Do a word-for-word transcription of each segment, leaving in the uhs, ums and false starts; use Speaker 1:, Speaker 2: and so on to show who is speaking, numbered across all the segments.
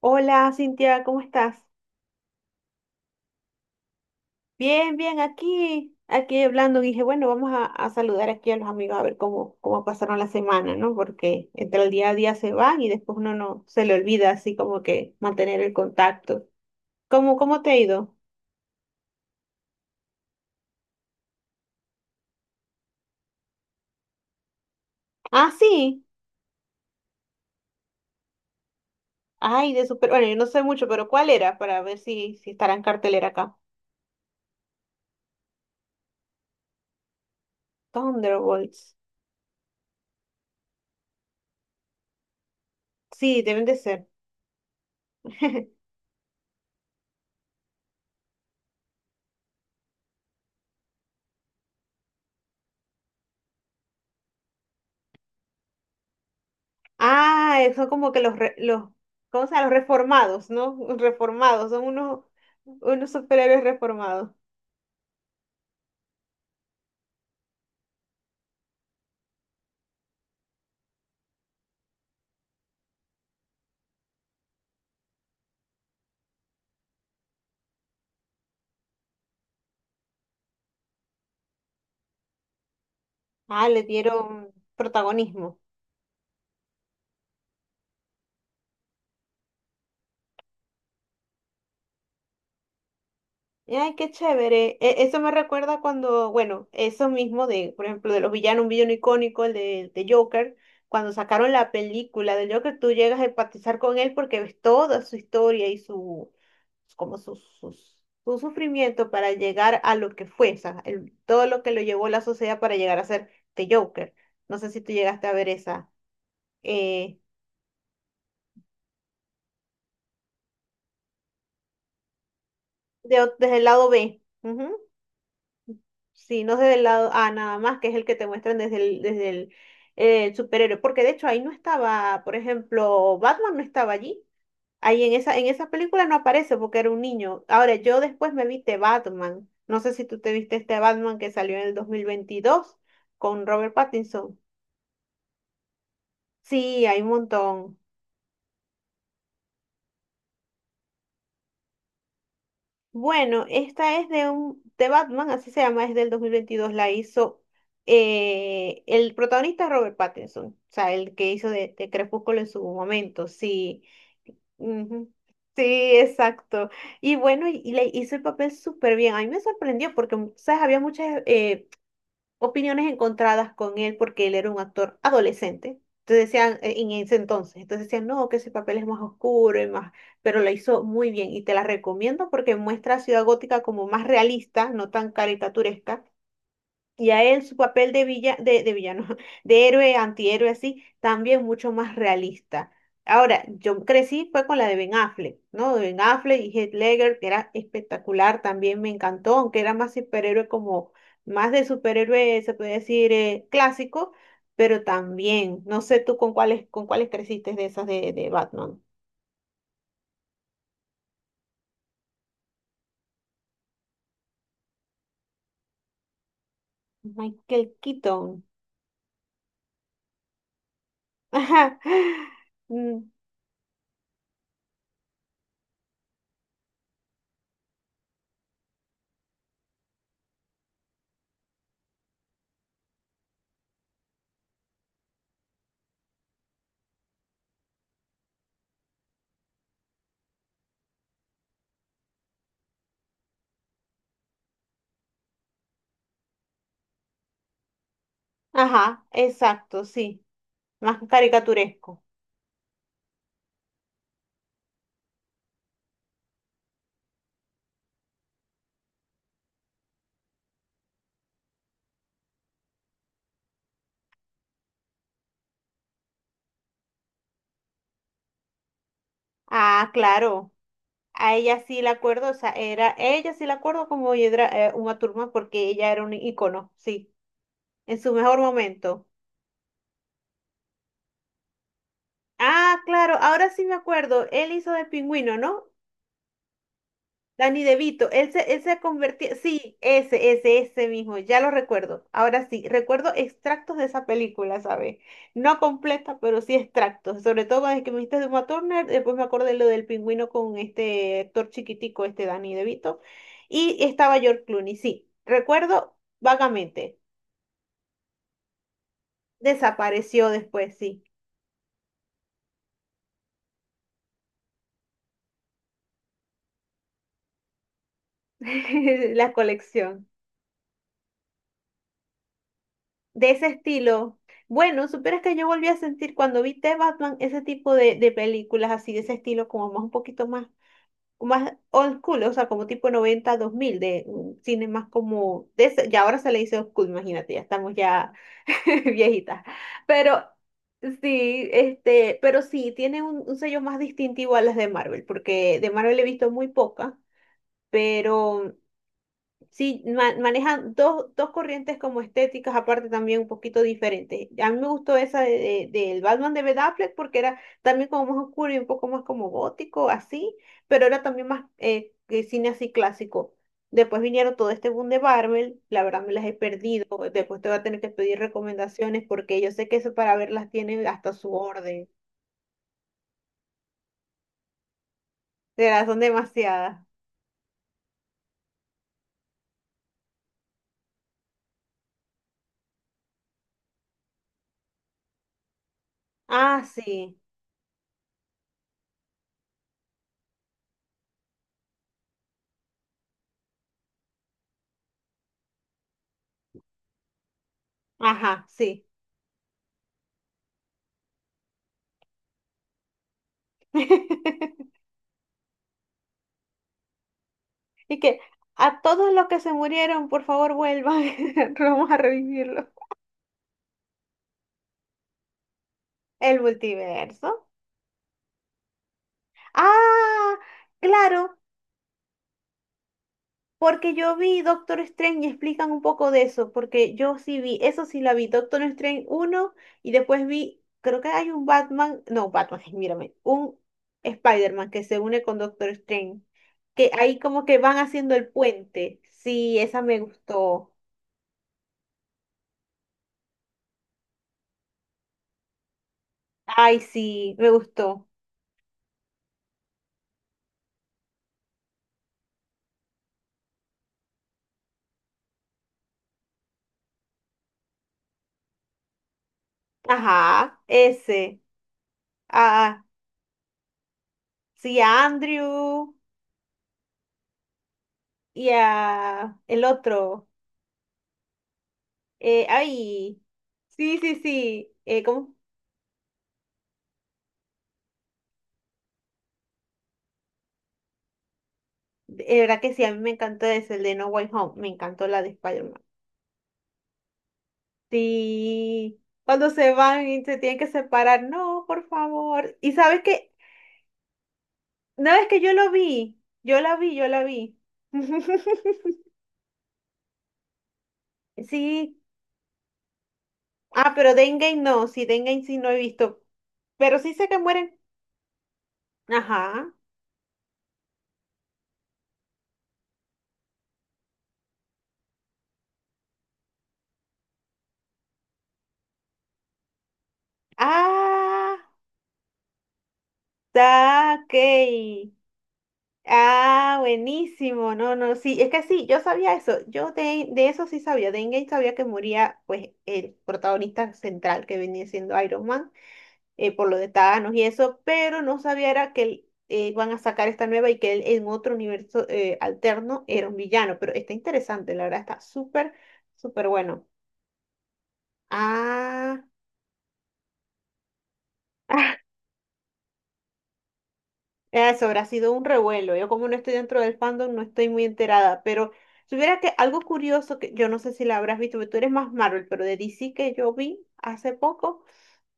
Speaker 1: Hola, Cintia, ¿cómo estás? Bien, bien, aquí, aquí hablando, dije, bueno, vamos a, a saludar aquí a los amigos a ver cómo, cómo pasaron la semana, ¿no? Porque entre el día a día se van y después uno no se le olvida así como que mantener el contacto. ¿Cómo, cómo te ha ido? Ah, sí. Ay, de super, bueno, yo no sé mucho, pero ¿cuál era? Para ver si, si estará en cartelera acá. Thunderbolts. Sí, deben de ser. Ah, eh, son como que los, re- los, ¿cómo se llama? Los reformados, ¿no? Reformados, son unos, unos superhéroes reformados. Ah, le dieron protagonismo. Ay, qué chévere. E- Eso me recuerda cuando, bueno, eso mismo de, por ejemplo, de los villanos, un villano icónico, el de, de Joker, cuando sacaron la película de Joker, tú llegas a empatizar con él porque ves toda su historia y su, como sus, sus, su sufrimiento para llegar a lo que fue, o sea, el- todo lo que lo llevó la sociedad para llegar a ser The Joker. No sé si tú llegaste a ver esa, eh, de ot- desde el lado B. Ujú. Sí, no desde el lado a nada más, que es el que te muestran desde el, desde el eh, el superhéroe. Porque de hecho ahí no estaba, por ejemplo, Batman no estaba allí. Ahí en esa, en esa película no aparece porque era un niño. Ahora, yo después me vi The Batman. No sé si tú te viste este Batman que salió en el dos mil veintidós con Robert Pattinson. Sí, hay un montón. Bueno, esta es de un de Batman, así se llama, es del dos mil veintidós, la hizo eh, el protagonista es Robert Pattinson, o sea, el que hizo de, de Crepúsculo en su momento, sí, ujú, sí, exacto. Y bueno, y, y le hizo el papel súper bien. A mí me sorprendió porque, sabes, había muchas eh, opiniones encontradas con él porque él era un actor adolescente. Entonces decían, eh, en ese entonces, entonces decían, no, que ese papel es más oscuro y más, pero lo hizo muy bien y te la recomiendo porque muestra a Ciudad Gótica como más realista, no tan caricaturesca, y a él su papel de, villa, de, de villano, de héroe, antihéroe, así, también mucho más realista. Ahora, yo crecí fue con la de Ben Affleck, ¿no? De Ben Affleck y Heath Ledger, que era espectacular, también me encantó, aunque era más superhéroe como, más de superhéroe, se puede decir, eh, clásico, pero también, no sé tú con cuáles, con cuáles creciste de esas de, de Batman. Michael Keaton. Ajá, mm, ajá, exacto, sí, más caricaturesco. Ah, claro. A ella sí la acuerdo, o sea, era, ella sí la acuerdo como Yedra, eh, Uma Thurman porque ella era un icono, sí, en su mejor momento. Ah, claro, ahora sí me acuerdo, él hizo de pingüino, ¿no? Danny DeVito, él se, él se ha sí, ese, ese, ese mismo, ya lo recuerdo. Ahora sí, recuerdo extractos de esa película, ¿sabes? No completa, pero sí extractos. Sobre todo desde que me dijiste de Uma Turner, después me acordé lo del pingüino con este actor chiquitico, este Danny DeVito. Y estaba George Clooney, sí, recuerdo vagamente. Desapareció después, sí, la colección de ese estilo. Bueno, supieras que yo volví a sentir cuando vi The Batman ese tipo de, de películas así, de ese estilo, como más un poquito más, más old school, o sea, como tipo noventa dos mil, de un cine más como, de ese- ya ahora se le dice old school, imagínate, ya estamos ya viejitas. Pero sí, este, pero sí, tiene un, un sello más distintivo a las de Marvel, porque de Marvel he visto muy poca, pero sí, ma- manejan dos, dos corrientes como estéticas, aparte también un poquito diferentes. A mí me gustó esa de, de- del Batman de Ben Affleck porque era también como más oscuro y un poco más como gótico, así, pero era también más eh, que cine así clásico. Después vinieron todo este boom de Marvel, la verdad me las he perdido, después te voy a tener que pedir recomendaciones porque yo sé que eso para verlas tiene hasta su orden. De sea, son demasiadas. Ah, sí, ajá, sí. Y que a todos los que se murieron, por favor, vuelvan. Vamos a revivirlo. El multiverso. Ah, claro, porque yo vi Doctor Strange y explican un poco de eso, porque yo sí vi, eso sí la vi, Doctor Strange uno, y después vi, creo que hay un Batman, no, Batman, mírame, un Spider-Man que se une con Doctor Strange, que ahí como que van haciendo el puente. Sí, esa me gustó. Ay, sí, me gustó. Ajá, ese. Ah, sí, a Andrew y a el otro. Eh, ay, sí, sí, sí. Eh, ¿cómo? De verdad que sí, a mí me encantó ese, el de No Way Home. Me encantó la de Spider-Man. Sí, cuando se van y se tienen que separar. No, por favor. Y sabes que, no, es que yo lo vi. Yo la vi, yo la vi. Sí. Ah, pero de Endgame no. Sí, de Endgame sí no he visto. Pero sí sé que mueren. Ajá. Ah. Ah, ok. Ah, buenísimo. No, no, sí, es que sí, yo sabía eso. Yo de, de eso sí sabía. De Endgame sabía que moría, pues, el protagonista central que venía siendo Iron Man, eh, por lo de Thanos y eso, pero no sabía era que él, eh, van a sacar esta nueva y que él en otro universo eh, alterno era un villano. Pero está interesante, la verdad, está súper, súper bueno. Ah. Ah, eso habrá sido un revuelo. Yo como no estoy dentro del fandom, no estoy muy enterada, pero si hubiera que algo curioso que yo no sé si la habrás visto, porque tú eres más Marvel, pero de D C que yo vi hace poco,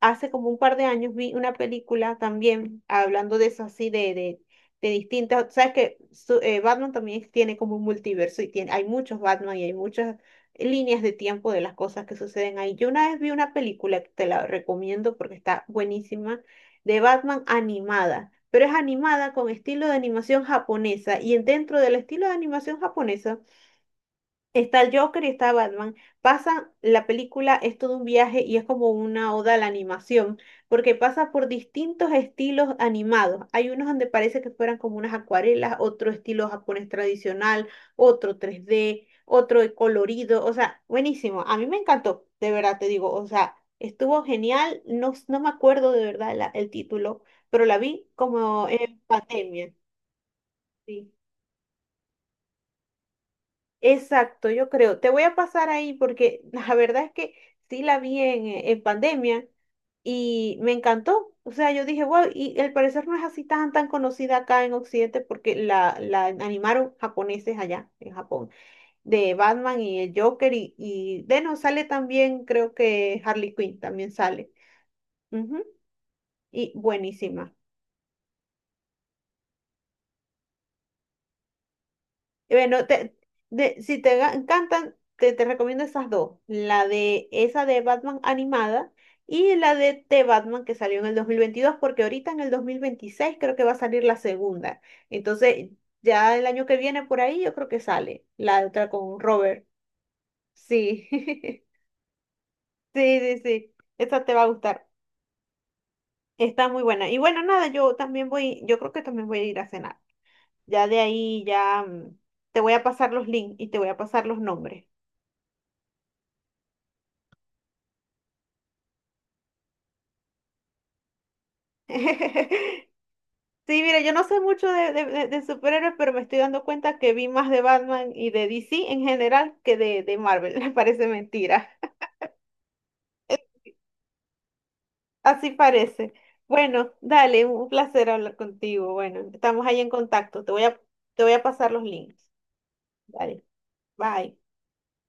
Speaker 1: hace como un par de años, vi una película también hablando de eso así, de, de, de distintas, sabes que su- eh, Batman también tiene como un multiverso y tiene, hay muchos Batman y hay muchas líneas de tiempo de las cosas que suceden ahí. Yo una vez vi una película que te la recomiendo porque está buenísima, de Batman animada, pero es animada con estilo de animación japonesa y en- dentro del estilo de animación japonesa está el Joker y está Batman. Pasa, la película es todo un viaje y es como una oda a la animación, porque pasa por distintos estilos animados. Hay unos donde parece que fueran como unas acuarelas, otro estilo japonés tradicional, otro tres D, otro de colorido. O sea, buenísimo. A mí me encantó, de verdad te digo. O sea, estuvo genial. No, s- no me acuerdo de verdad la- el título, pero la vi como en pandemia. Sí. Exacto, yo creo. Te voy a pasar ahí porque la verdad es que sí la vi en, en pandemia y me encantó. O sea, yo dije, wow, y al parecer no es así tan, tan conocida acá en Occidente porque la, la animaron japoneses allá en Japón, de Batman y el Joker y, y de no, sale también, creo que Harley Quinn también sale. Ujú, y buenísima. Y bueno, te- de- si te ga- encantan, te, te recomiendo esas dos. La de esa de Batman animada y la de The Batman que salió en el dos mil veintidós porque ahorita en el dos mil veintiséis creo que va a salir la segunda. Entonces, ya el año que viene por ahí yo creo que sale la otra con Robert. Sí, sí, sí, sí. Esa te va a gustar. Está muy buena. Y bueno, nada, yo también voy, yo creo que también voy a ir a cenar. Ya de ahí, ya mm, te voy a pasar los links y te voy a pasar los nombres. Sí, mira, yo no sé mucho de, de- de- de superhéroes, pero me estoy dando cuenta que vi más de Batman y de D C en general que de, de Marvel. Parece mentira. Así parece. Bueno, dale, un placer hablar contigo. Bueno, estamos ahí en contacto. Te voy a, te voy a pasar los links. Dale, bye.